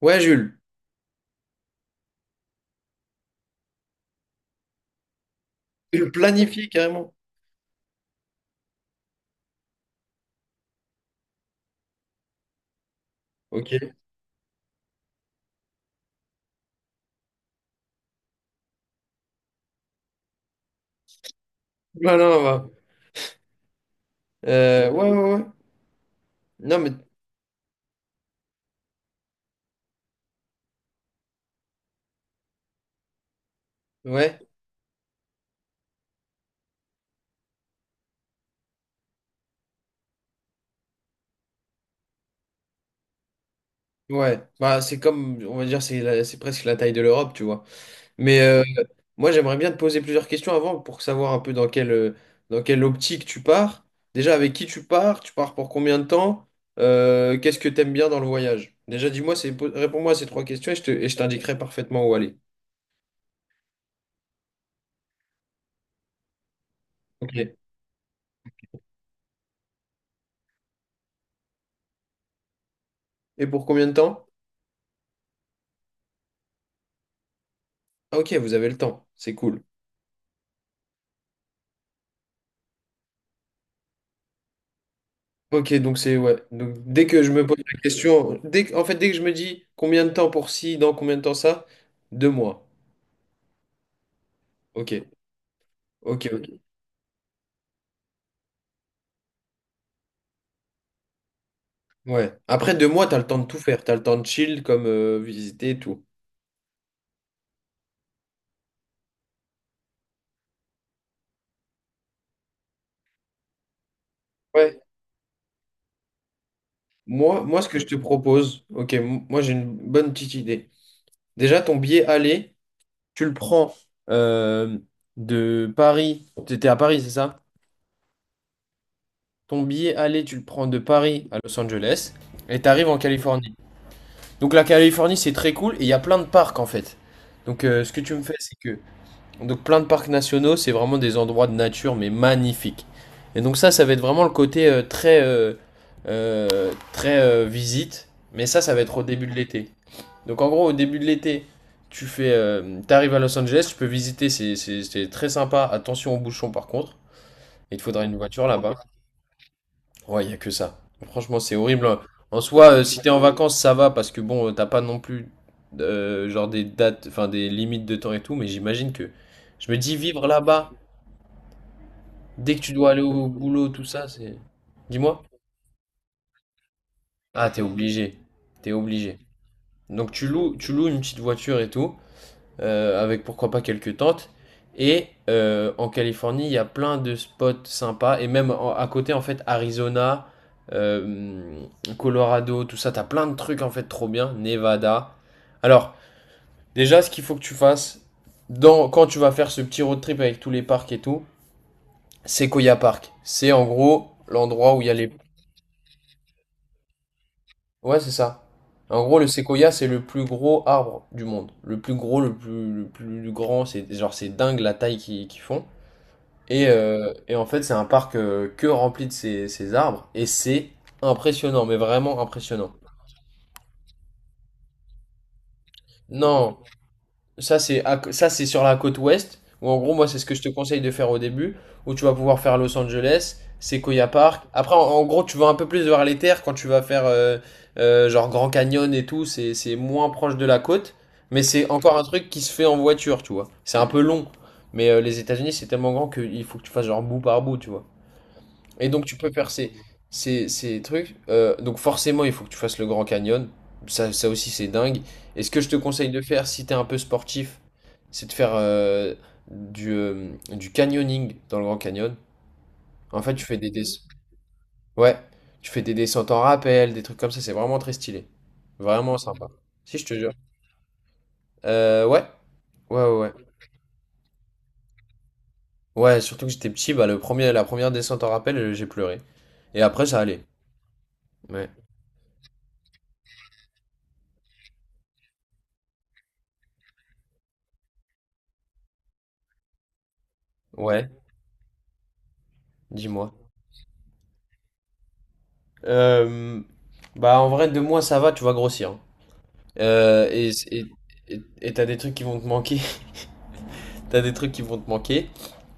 Ouais, Jules, tu le planifies carrément. Ok. Voilà, bah. Ouais, ouais, ouais. Non, mais ouais, ouais. Bah, c'est comme, on va dire, c'est presque la taille de l'Europe, tu vois. Mais moi, j'aimerais bien te poser plusieurs questions avant pour savoir un peu dans dans quelle optique tu pars. Déjà, avec qui tu pars pour combien de temps, qu'est-ce que tu aimes bien dans le voyage? Déjà, dis-moi, réponds-moi à ces trois questions et et je t'indiquerai parfaitement où aller. Ok. Et pour combien de temps? Ah, ok, vous avez le temps, c'est cool. Ok, donc c'est ouais. Donc dès que je me pose la question, dès que- en fait dès que je me dis combien de temps pour ci, dans combien de temps ça, deux mois. Ok, ok, ok. Ouais. Après deux mois, t'as le temps de tout faire, t'as le temps de chill comme visiter et tout. Ouais. Moi, ce que je te propose, ok, moi j'ai une bonne petite idée. Déjà, ton billet aller, tu le prends euh, de Paris. T'étais à Paris, c'est ça? Ton billet aller, tu le prends de Paris à Los Angeles et t'arrives en Californie. Donc la Californie, c'est très cool et il y a plein de parcs en fait. Donc ce que tu me fais, c'est que donc plein de parcs nationaux, c'est vraiment des endroits de nature mais magnifiques. Et donc ça va être vraiment le côté très très visite, mais ça va être au début de l'été. Donc en gros, au début de l'été, t'arrives à Los Angeles, tu peux visiter, c'est très sympa. Attention aux bouchons par contre, il te faudra une voiture là-bas. Ouais, il n'y a que ça. Franchement, c'est horrible. En soi, si t'es en vacances, ça va parce que t'as pas non plus genre des dates, enfin des limites de temps et tout, mais j'imagine que je me dis vivre là-bas, dès que tu dois aller au boulot, tout ça, c'est. Dis-moi. Ah, t'es obligé. T'es obligé. Donc tu loues une petite voiture et tout. Avec pourquoi pas quelques tentes. Et en Californie, il y a plein de spots sympas. Et même à côté, en fait, Arizona, euh, Colorado, tout ça, t'as plein de trucs en fait trop bien. Nevada. Alors, déjà, ce qu'il faut que tu fasses quand tu vas faire ce petit road trip avec tous les parcs et tout, Sequoia Park. C'est en gros l'endroit où il y a les. Ouais, c'est ça. En gros, le séquoia, c'est le plus gros arbre du monde. Le plus gros, le plus grand. C'est genre, c'est dingue la taille qu'ils font. Et en fait, c'est un parc que rempli de ces arbres. Et c'est impressionnant, mais vraiment impressionnant. Non, ça c'est sur la côte ouest, où en gros, moi, c'est ce que je te conseille de faire au début, où tu vas pouvoir faire Los Angeles, Sequoia Park. Après, en gros, tu vas un peu plus vers les terres quand tu vas faire genre Grand Canyon et tout. C'est moins proche de la côte, mais c'est encore un truc qui se fait en voiture, tu vois. C'est un peu long, mais les États-Unis, c'est tellement grand qu'il faut que tu fasses genre bout par bout, tu vois. Et donc tu peux faire ces trucs. Donc forcément, il faut que tu fasses le Grand Canyon. Ça aussi, c'est dingue. Et ce que je te conseille de faire, si t'es un peu sportif, c'est de faire du canyoning dans le Grand Canyon. En fait, tu fais des... Ouais, tu fais des descentes en rappel, des trucs comme ça. C'est vraiment très stylé. Vraiment sympa. Si, je te jure. Euh, ouais, ouais, ouais. Ouais, Ouais, surtout que j'étais petit, bah, la première descente en rappel, j'ai pleuré. Et après, ça allait. Ouais, ouais, dis-moi. Euh, bah en vrai, deux mois ça va, tu vas grossir. Hein. Euh, et et et t'as des trucs qui vont te manquer. T'as des trucs qui vont te manquer.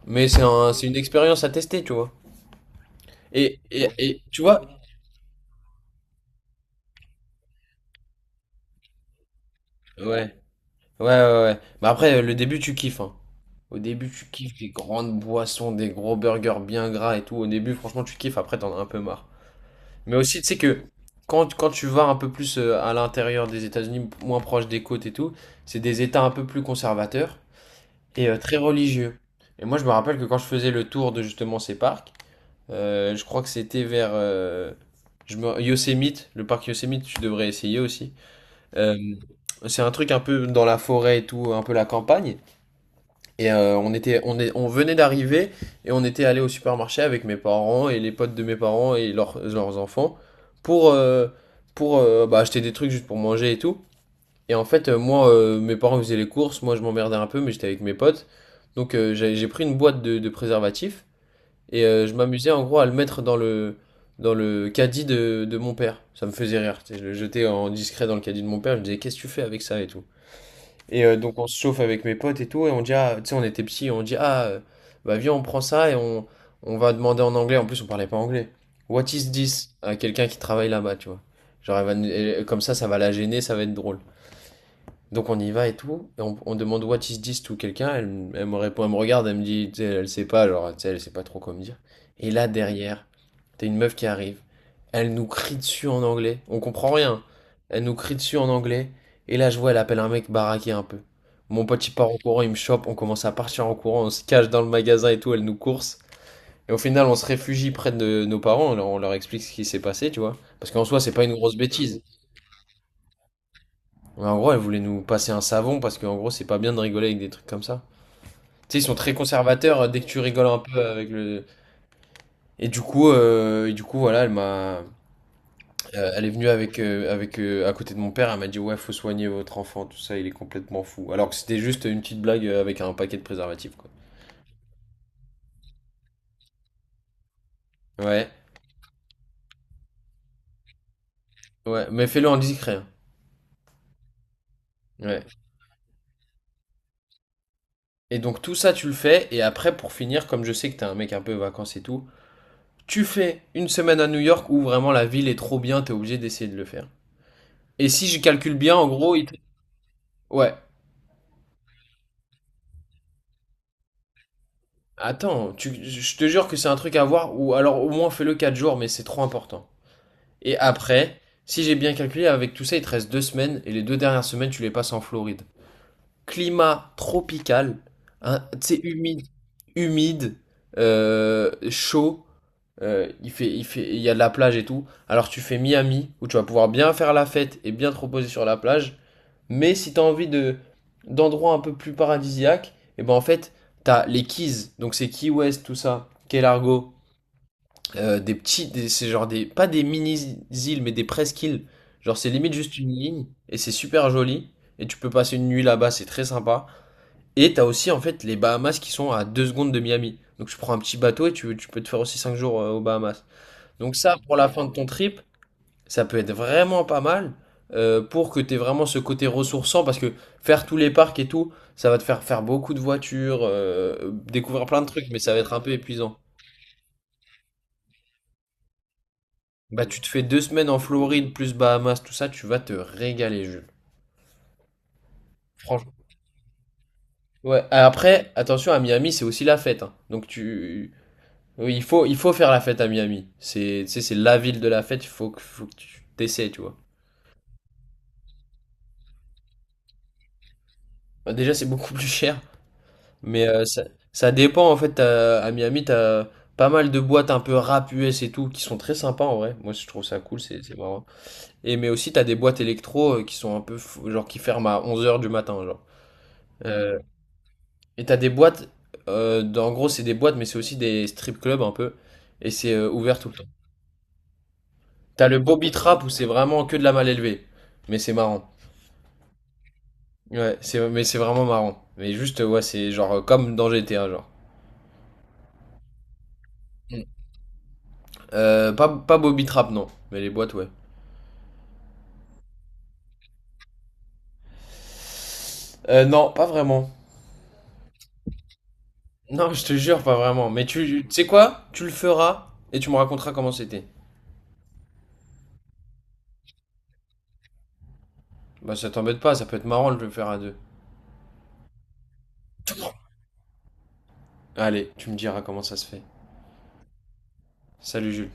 Mais c'est une expérience à tester, tu vois. Et tu vois? Ouais. Ouais, ouais, ouais. Mais après, le début, tu kiffes, hein. Au début, tu kiffes les grandes boissons, des gros burgers bien gras et tout. Au début, franchement, tu kiffes. Après, t'en as un peu marre. Mais aussi, tu sais que quand tu vas un peu plus à l'intérieur des États-Unis, moins proche des côtes et tout, c'est des États un peu plus conservateurs, et très religieux. Et moi, je me rappelle que quand je faisais le tour de justement ces parcs, je crois que c'était vers je me- Yosemite, le parc Yosemite, tu devrais essayer aussi. Euh, c'est un truc un peu dans la forêt et tout, un peu la campagne. Et on venait d'arriver et on était allé au supermarché avec mes parents et les potes de mes parents et leurs enfants pour euh, pour bah, acheter des trucs juste pour manger et tout. Et en fait, mes parents faisaient les courses, moi je m'emmerdais un peu, mais j'étais avec mes potes. Donc j'ai pris une boîte de préservatifs et je m'amusais en gros à le mettre dans le caddie de mon père. Ça me faisait rire. Tu sais, je le jetais en discret dans le caddie de mon père, je me disais qu'est-ce que tu fais avec ça et tout. Et donc on se chauffe avec mes potes et tout, et on dit, ah, tu sais, on était petits, on dit, bah viens, on prend ça et on va demander en anglais. En plus, on parlait pas anglais. What is this? À quelqu'un qui travaille là-bas, tu vois. Genre, elle va nous- elle- comme ça va la gêner, ça va être drôle. Donc on y va et tout, et on demande what is this to quelqu'un, elle me répond, elle me regarde, elle me dit, tu sais, elle sait pas, genre, tu sais, elle sait pas trop quoi me dire. Et là derrière, t'as une meuf qui arrive, elle nous crie dessus en anglais, on comprend rien, elle nous crie dessus en anglais, et là je vois, elle appelle un mec baraqué un peu. Mon pote il part en courant, il me chope, on commence à partir en courant, on se cache dans le magasin et tout, elle nous course. Et au final, on se réfugie près de nos parents, on leur explique ce qui s'est passé, tu vois. Parce qu'en soi, c'est pas une grosse bêtise. Ouais, en gros, elle voulait nous passer un savon parce qu'en gros, c'est pas bien de rigoler avec des trucs comme ça. Tu sais, ils sont très conservateurs dès que tu rigoles un peu avec le. Et du coup, voilà, elle est venue à côté de mon père. Elle m'a dit, ouais, faut soigner votre enfant, tout ça, il est complètement fou. Alors que c'était juste une petite blague avec un paquet de préservatifs, quoi. Ouais, ouais, mais fais-le en discret. Hein. Ouais. Et donc tout ça, tu le fais. Et après, pour finir, comme je sais que t'es un mec un peu vacances et tout, tu fais une semaine à New York où vraiment la ville est trop bien, t'es obligé d'essayer de le faire. Et si je calcule bien, en gros, Ouais. Attends, je te jure que c'est un truc à voir, ou alors au moins fais-le 4 jours, mais c'est trop important. Et après, si j'ai bien calculé, avec tout ça, il te reste 2 semaines, et les deux dernières semaines, tu les passes en Floride. Climat tropical, hein, tu sais, humide, chaud, il fait, il y a de la plage et tout. Alors tu fais Miami, où tu vas pouvoir bien faire la fête et bien te reposer sur la plage. Mais si t'as envie de d'endroits un peu plus paradisiaques, et ben en fait, t'as les Keys, donc c'est Key West, tout ça, Key Largo, c'est genre des, pas des mini-îles, mais des presqu'îles. Genre c'est limite juste une ligne, et c'est super joli, et tu peux passer une nuit là-bas, c'est très sympa. Et t'as aussi en fait les Bahamas qui sont à 2 secondes de Miami. Donc tu prends un petit bateau et tu peux te faire aussi 5 jours aux Bahamas. Donc ça, pour la fin de ton trip, ça peut être vraiment pas mal pour que tu aies vraiment ce côté ressourçant parce que faire tous les parcs et tout, ça va te faire faire beaucoup de voitures, découvrir plein de trucs, mais ça va être un peu épuisant. Bah, tu te fais deux semaines en Floride plus Bahamas, tout ça, tu vas te régaler, Jules. Franchement. Ouais, après, attention, à Miami, c'est aussi la fête. Hein. Donc, tu. Oui, il faut faire la fête à Miami. C'est, tu sais, c'est la ville de la fête, il faut faut que tu t'essaies, tu vois. Bah, déjà, c'est beaucoup plus cher. Mais ça dépend en fait. À Miami, t'as pas mal de boîtes un peu rap US et tout qui sont très sympas en vrai. Moi, je trouve ça cool, c'est marrant. Et mais aussi, t'as des boîtes électro qui sont genre qui ferment à 11 heures du matin, genre. Euh, et t'as des boîtes, en gros, c'est des boîtes, mais c'est aussi des strip clubs un peu. Et c'est ouvert tout le temps. T'as le Bobby Trap où c'est vraiment que de la mal élevée. Mais c'est marrant. Ouais, mais c'est vraiment marrant. Mais juste, ouais, c'est genre comme dans GTA, genre. Mm. Pas Bobby Trap, non. Mais les boîtes, ouais. Non, pas vraiment. Non, je te jure, pas vraiment. Mais tu sais quoi? Tu le feras et tu me raconteras comment c'était. Bah, ça t'embête pas, ça peut être marrant de le faire à deux. Allez, tu me diras comment ça se fait. Salut Jules.